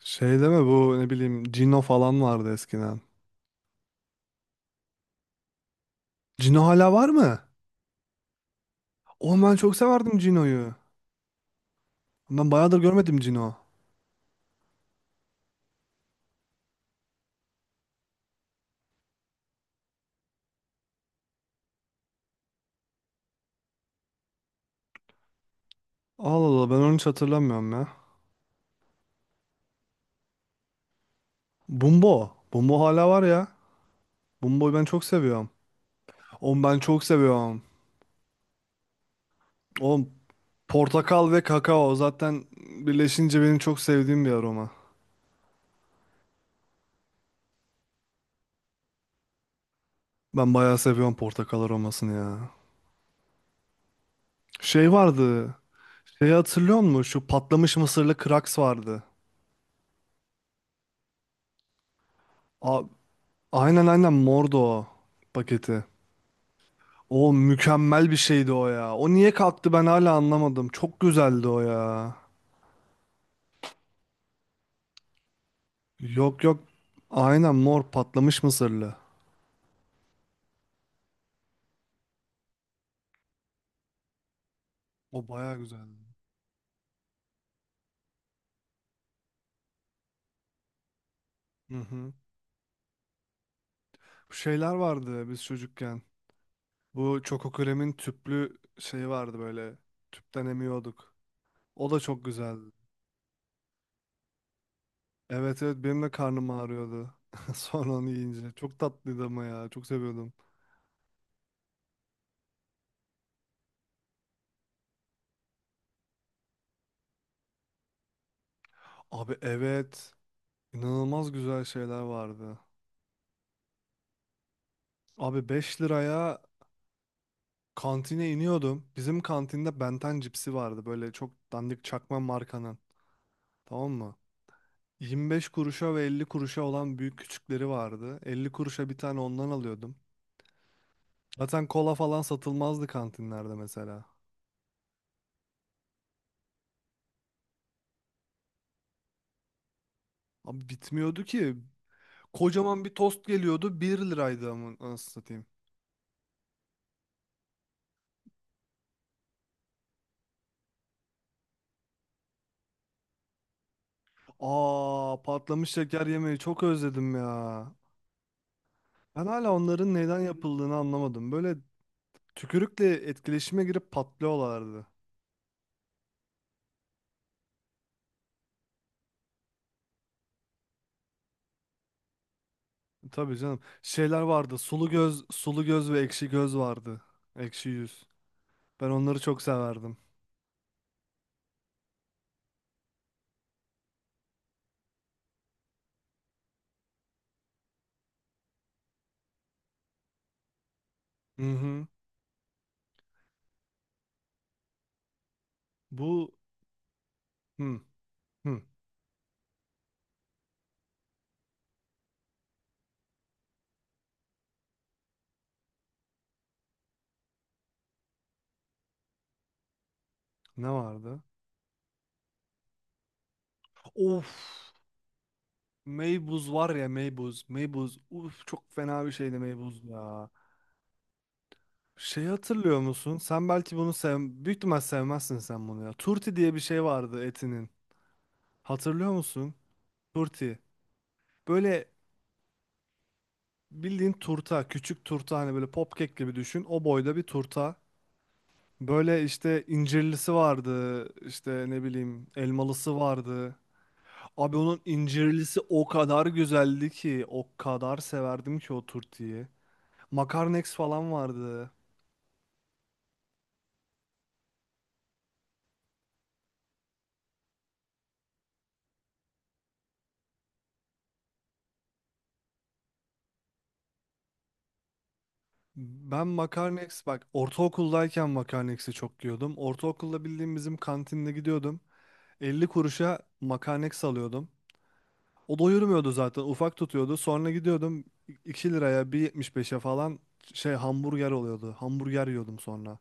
Şey deme bu ne bileyim Cino falan vardı eskiden. Cino hala var mı? Oğlum ben çok severdim Cino'yu. Ben bayağıdır görmedim Cino. Allah Allah ben onu hiç hatırlamıyorum ya. Bumbo. Bumbo hala var ya. Bumbo'yu ben çok seviyorum. Oğlum ben çok seviyorum. Oğlum, portakal ve kakao zaten birleşince benim çok sevdiğim bir aroma. Ben bayağı seviyorum portakal aromasını ya. Şey vardı. Şeyi hatırlıyor musun? Şu patlamış mısırlı kraks vardı. A- aynen aynen mordu o paketi. O mükemmel bir şeydi o ya. O niye kalktı ben hala anlamadım. Çok güzeldi o ya. Yok yok. Aynen mor patlamış mısırlı. O baya güzeldi. Hı hı. Bu şeyler vardı biz çocukken. Bu Çokokürem'in tüplü şeyi vardı böyle. Tüpten emiyorduk. O da çok güzeldi. Evet evet, benim de karnım ağrıyordu. Sonra onu yiyince. Çok tatlıydı ama ya. Çok seviyordum. Abi evet. İnanılmaz güzel şeyler vardı. Abi, 5 liraya kantine iniyordum. Bizim kantinde Benten cipsi vardı. Böyle çok dandik çakma markanın. Tamam mı? 25 kuruşa ve 50 kuruşa olan büyük küçükleri vardı. 50 kuruşa bir tane ondan alıyordum. Zaten kola falan satılmazdı kantinlerde mesela. Abi bitmiyordu ki. Kocaman bir tost geliyordu. Bir liraydı ama nasıl satayım. Aa, patlamış şeker yemeği çok özledim ya. Ben hala onların neden yapıldığını anlamadım. Böyle tükürükle etkileşime girip patlıyorlardı. Tabii canım. Şeyler vardı. Sulu göz, sulu göz ve ekşi göz vardı. Ekşi yüz. Ben onları çok severdim. Hı hı. Bu hı hı. Ne vardı? Of. Meybuz var ya, Meybuz. Meybuz. Uf, çok fena bir şeydi Meybuz ya. Şeyi hatırlıyor musun? Sen belki bunu sev... Büyük ihtimal sevmezsin sen bunu ya. Turti diye bir şey vardı etinin. Hatırlıyor musun? Turti. Böyle bildiğin turta. Küçük turta, hani böyle popkek gibi düşün. O boyda bir turta. Böyle işte incirlisi vardı, işte ne bileyim elmalısı vardı. Abi, onun incirlisi o kadar güzeldi ki, o kadar severdim ki o turtiyi. Makarnex falan vardı. Ben Makarnex, bak, ortaokuldayken Makarnex'i çok yiyordum. Ortaokulda bildiğim bizim kantinde gidiyordum. 50 kuruşa Makarnex alıyordum. O doyurmuyordu zaten, ufak tutuyordu. Sonra gidiyordum 2 liraya, bir yetmiş beşe falan şey hamburger oluyordu. Hamburger yiyordum sonra.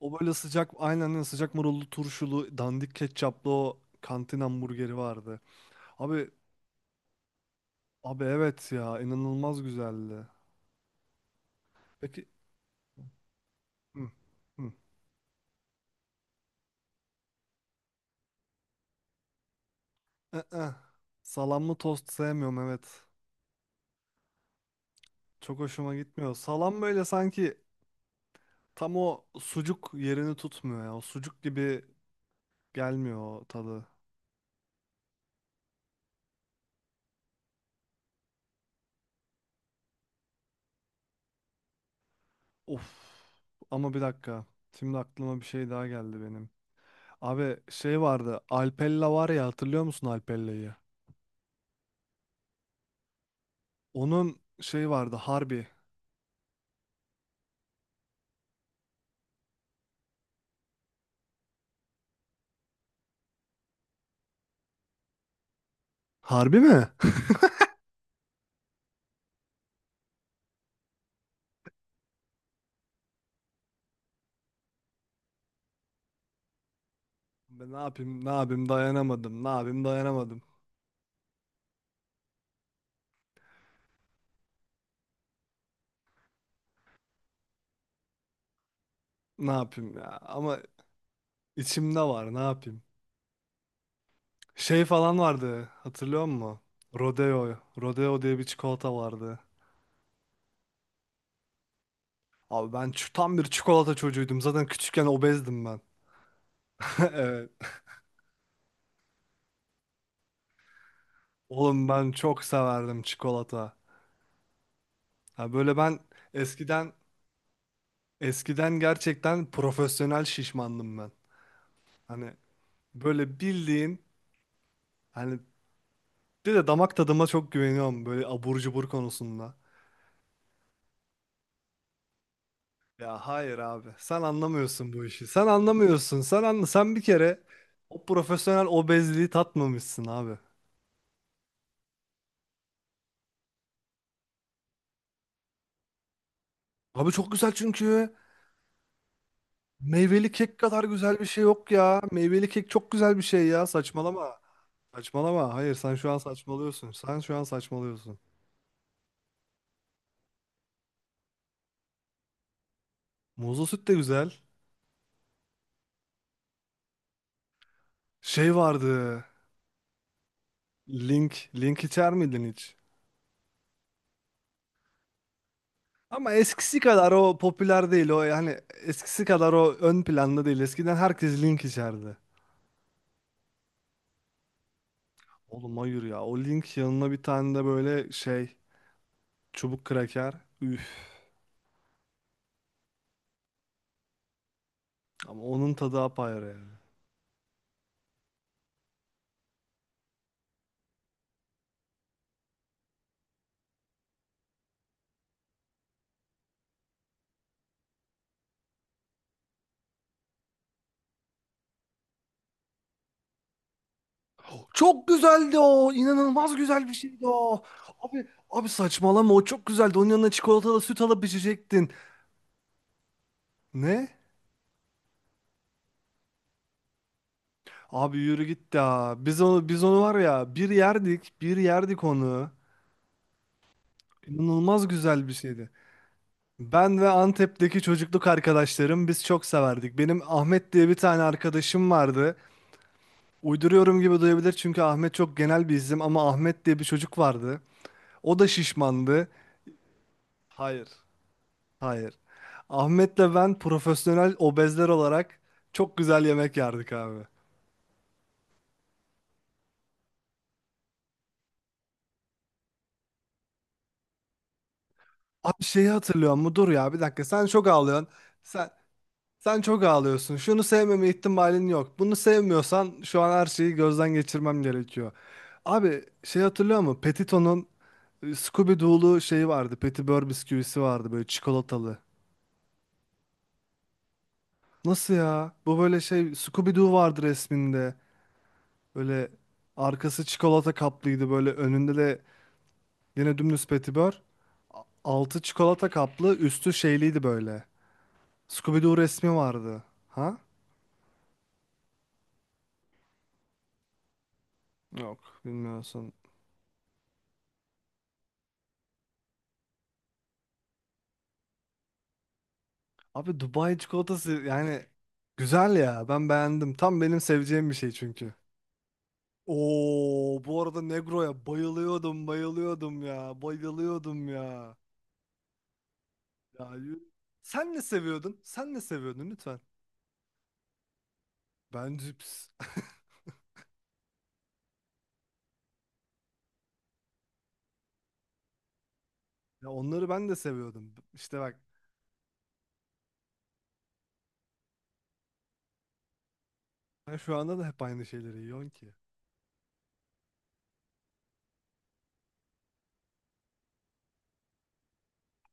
O böyle sıcak, aynen öyle, sıcak marullu turşulu dandik ketçaplı o kantin hamburgeri vardı. Abi abi, evet ya, inanılmaz güzeldi. Peki. Hı, hı. ı Salamlı tost sevmiyorum, evet. Çok hoşuma gitmiyor. Salam böyle sanki tam o sucuk yerini tutmuyor ya. O sucuk gibi gelmiyor o tadı. Of. Ama bir dakika. Şimdi aklıma bir şey daha geldi benim. Abi şey vardı. Alpella var ya, hatırlıyor musun Alpella'yı? Onun şey vardı, Harbi. Harbi mi? Ben ne yapayım, ne yapayım, dayanamadım. Ne yapayım, dayanamadım. Ne yapayım ya. Ama içimde var, ne yapayım. Şey falan vardı, hatırlıyor musun? Rodeo. Rodeo diye bir çikolata vardı. Abi ben tam bir çikolata çocuğuydum. Zaten küçükken obezdim ben. Evet. Oğlum ben çok severdim çikolata. Ha böyle ben eskiden eskiden gerçekten profesyonel şişmandım ben. Hani böyle bildiğin hani. Bir de damak tadıma çok güveniyorum böyle abur cubur konusunda. Ya hayır abi. Sen anlamıyorsun bu işi. Sen anlamıyorsun. Sen anla. Sen bir kere o profesyonel obezliği tatmamışsın abi. Abi çok güzel çünkü. Meyveli kek kadar güzel bir şey yok ya. Meyveli kek çok güzel bir şey ya. Saçmalama. Saçmalama. Hayır, sen şu an saçmalıyorsun. Sen şu an saçmalıyorsun. Muzlu süt de güzel. Şey vardı. Link. Link içer miydin hiç? Ama eskisi kadar o popüler değil o, yani eskisi kadar o ön planda değil. Eskiden herkes Link içerdi. Oğlum hayır ya, o Link yanına bir tane de böyle şey, çubuk kraker. Üf, ama onun tadı apayrı yani. Çok güzeldi o. İnanılmaz güzel bir şeydi o. Abi abi, saçmalama, o çok güzeldi. Onun yanına çikolatalı süt alıp içecektin. Ne? Abi yürü git ya. Biz onu var ya, bir yerdik, bir yerdik onu. İnanılmaz güzel bir şeydi. Ben ve Antep'teki çocukluk arkadaşlarım biz çok severdik. Benim Ahmet diye bir tane arkadaşım vardı. Uyduruyorum gibi duyabilir çünkü Ahmet çok genel bir isim ama Ahmet diye bir çocuk vardı. O da şişmandı. Hayır. Hayır. Ahmet'le ben profesyonel obezler olarak çok güzel yemek yerdik abi. Abi şeyi hatırlıyor mu? Dur ya, bir dakika, sen çok ağlıyorsun. Sen Sen çok ağlıyorsun. Şunu sevmeme ihtimalin yok. Bunu sevmiyorsan şu an her şeyi gözden geçirmem gerekiyor. Abi şey hatırlıyor musun? Petito'nun Scooby-Doo'lu şeyi vardı. Petibör bisküvisi vardı böyle, çikolatalı. Nasıl ya? Bu böyle şey, Scooby-Doo vardı resminde. Böyle arkası çikolata kaplıydı, böyle önünde de yine dümdüz Petibör. Altı çikolata kaplı, üstü şeyliydi böyle. Scooby-Doo resmi vardı. Ha? Yok, bilmiyorsun. Abi Dubai çikolatası yani güzel ya. Ben beğendim. Tam benim seveceğim bir şey çünkü. Oo, bu arada Negro'ya bayılıyordum, bayılıyordum ya. Bayılıyordum ya. Ya yürü. Sen ne seviyordun? Sen ne seviyordun lütfen? Ben cips. Ya onları ben de seviyordum. İşte bak, ben şu anda da hep aynı şeyleri yiyorum ki.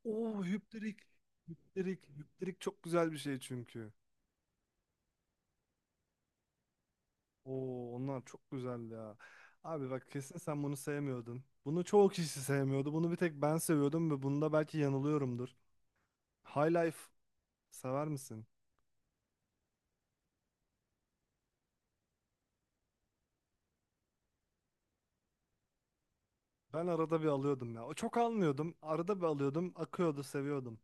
Oo, hüpterik. Hüpterik. Hüpterik çok güzel bir şey çünkü. Oo, onlar çok güzeldi ya. Abi bak, kesin sen bunu sevmiyordun. Bunu çoğu kişi sevmiyordu. Bunu bir tek ben seviyordum ve bunda belki yanılıyorumdur. High Life sever misin? Ben arada bir alıyordum ya. O çok almıyordum. Arada bir alıyordum. Akıyordu, seviyordum.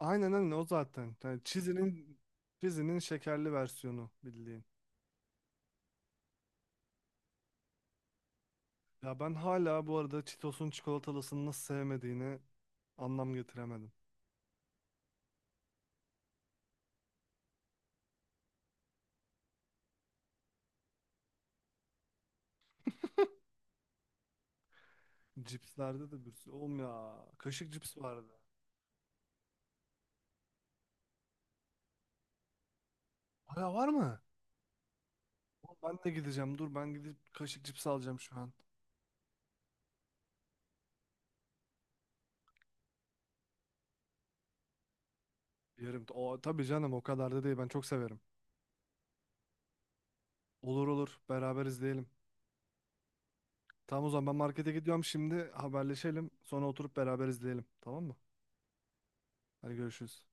Aynen aynen o zaten. Yani Cheezy'nin şekerli versiyonu bildiğin. Ya, ben hala bu arada Cheetos'un çikolatalısını nasıl sevmediğini anlam getiremedim. Cipslerde de bir sürü. Oğlum ya. Kaşık cips vardı. Hala var mı? Ben de gideceğim. Dur, ben gidip kaşık cips alacağım şu an. Yerim. O, tabii canım, o kadar da değil. Ben çok severim. Olur olur. Beraber izleyelim. Tamam, o zaman ben markete gidiyorum şimdi. Haberleşelim. Sonra oturup beraber izleyelim. Tamam mı? Hadi görüşürüz.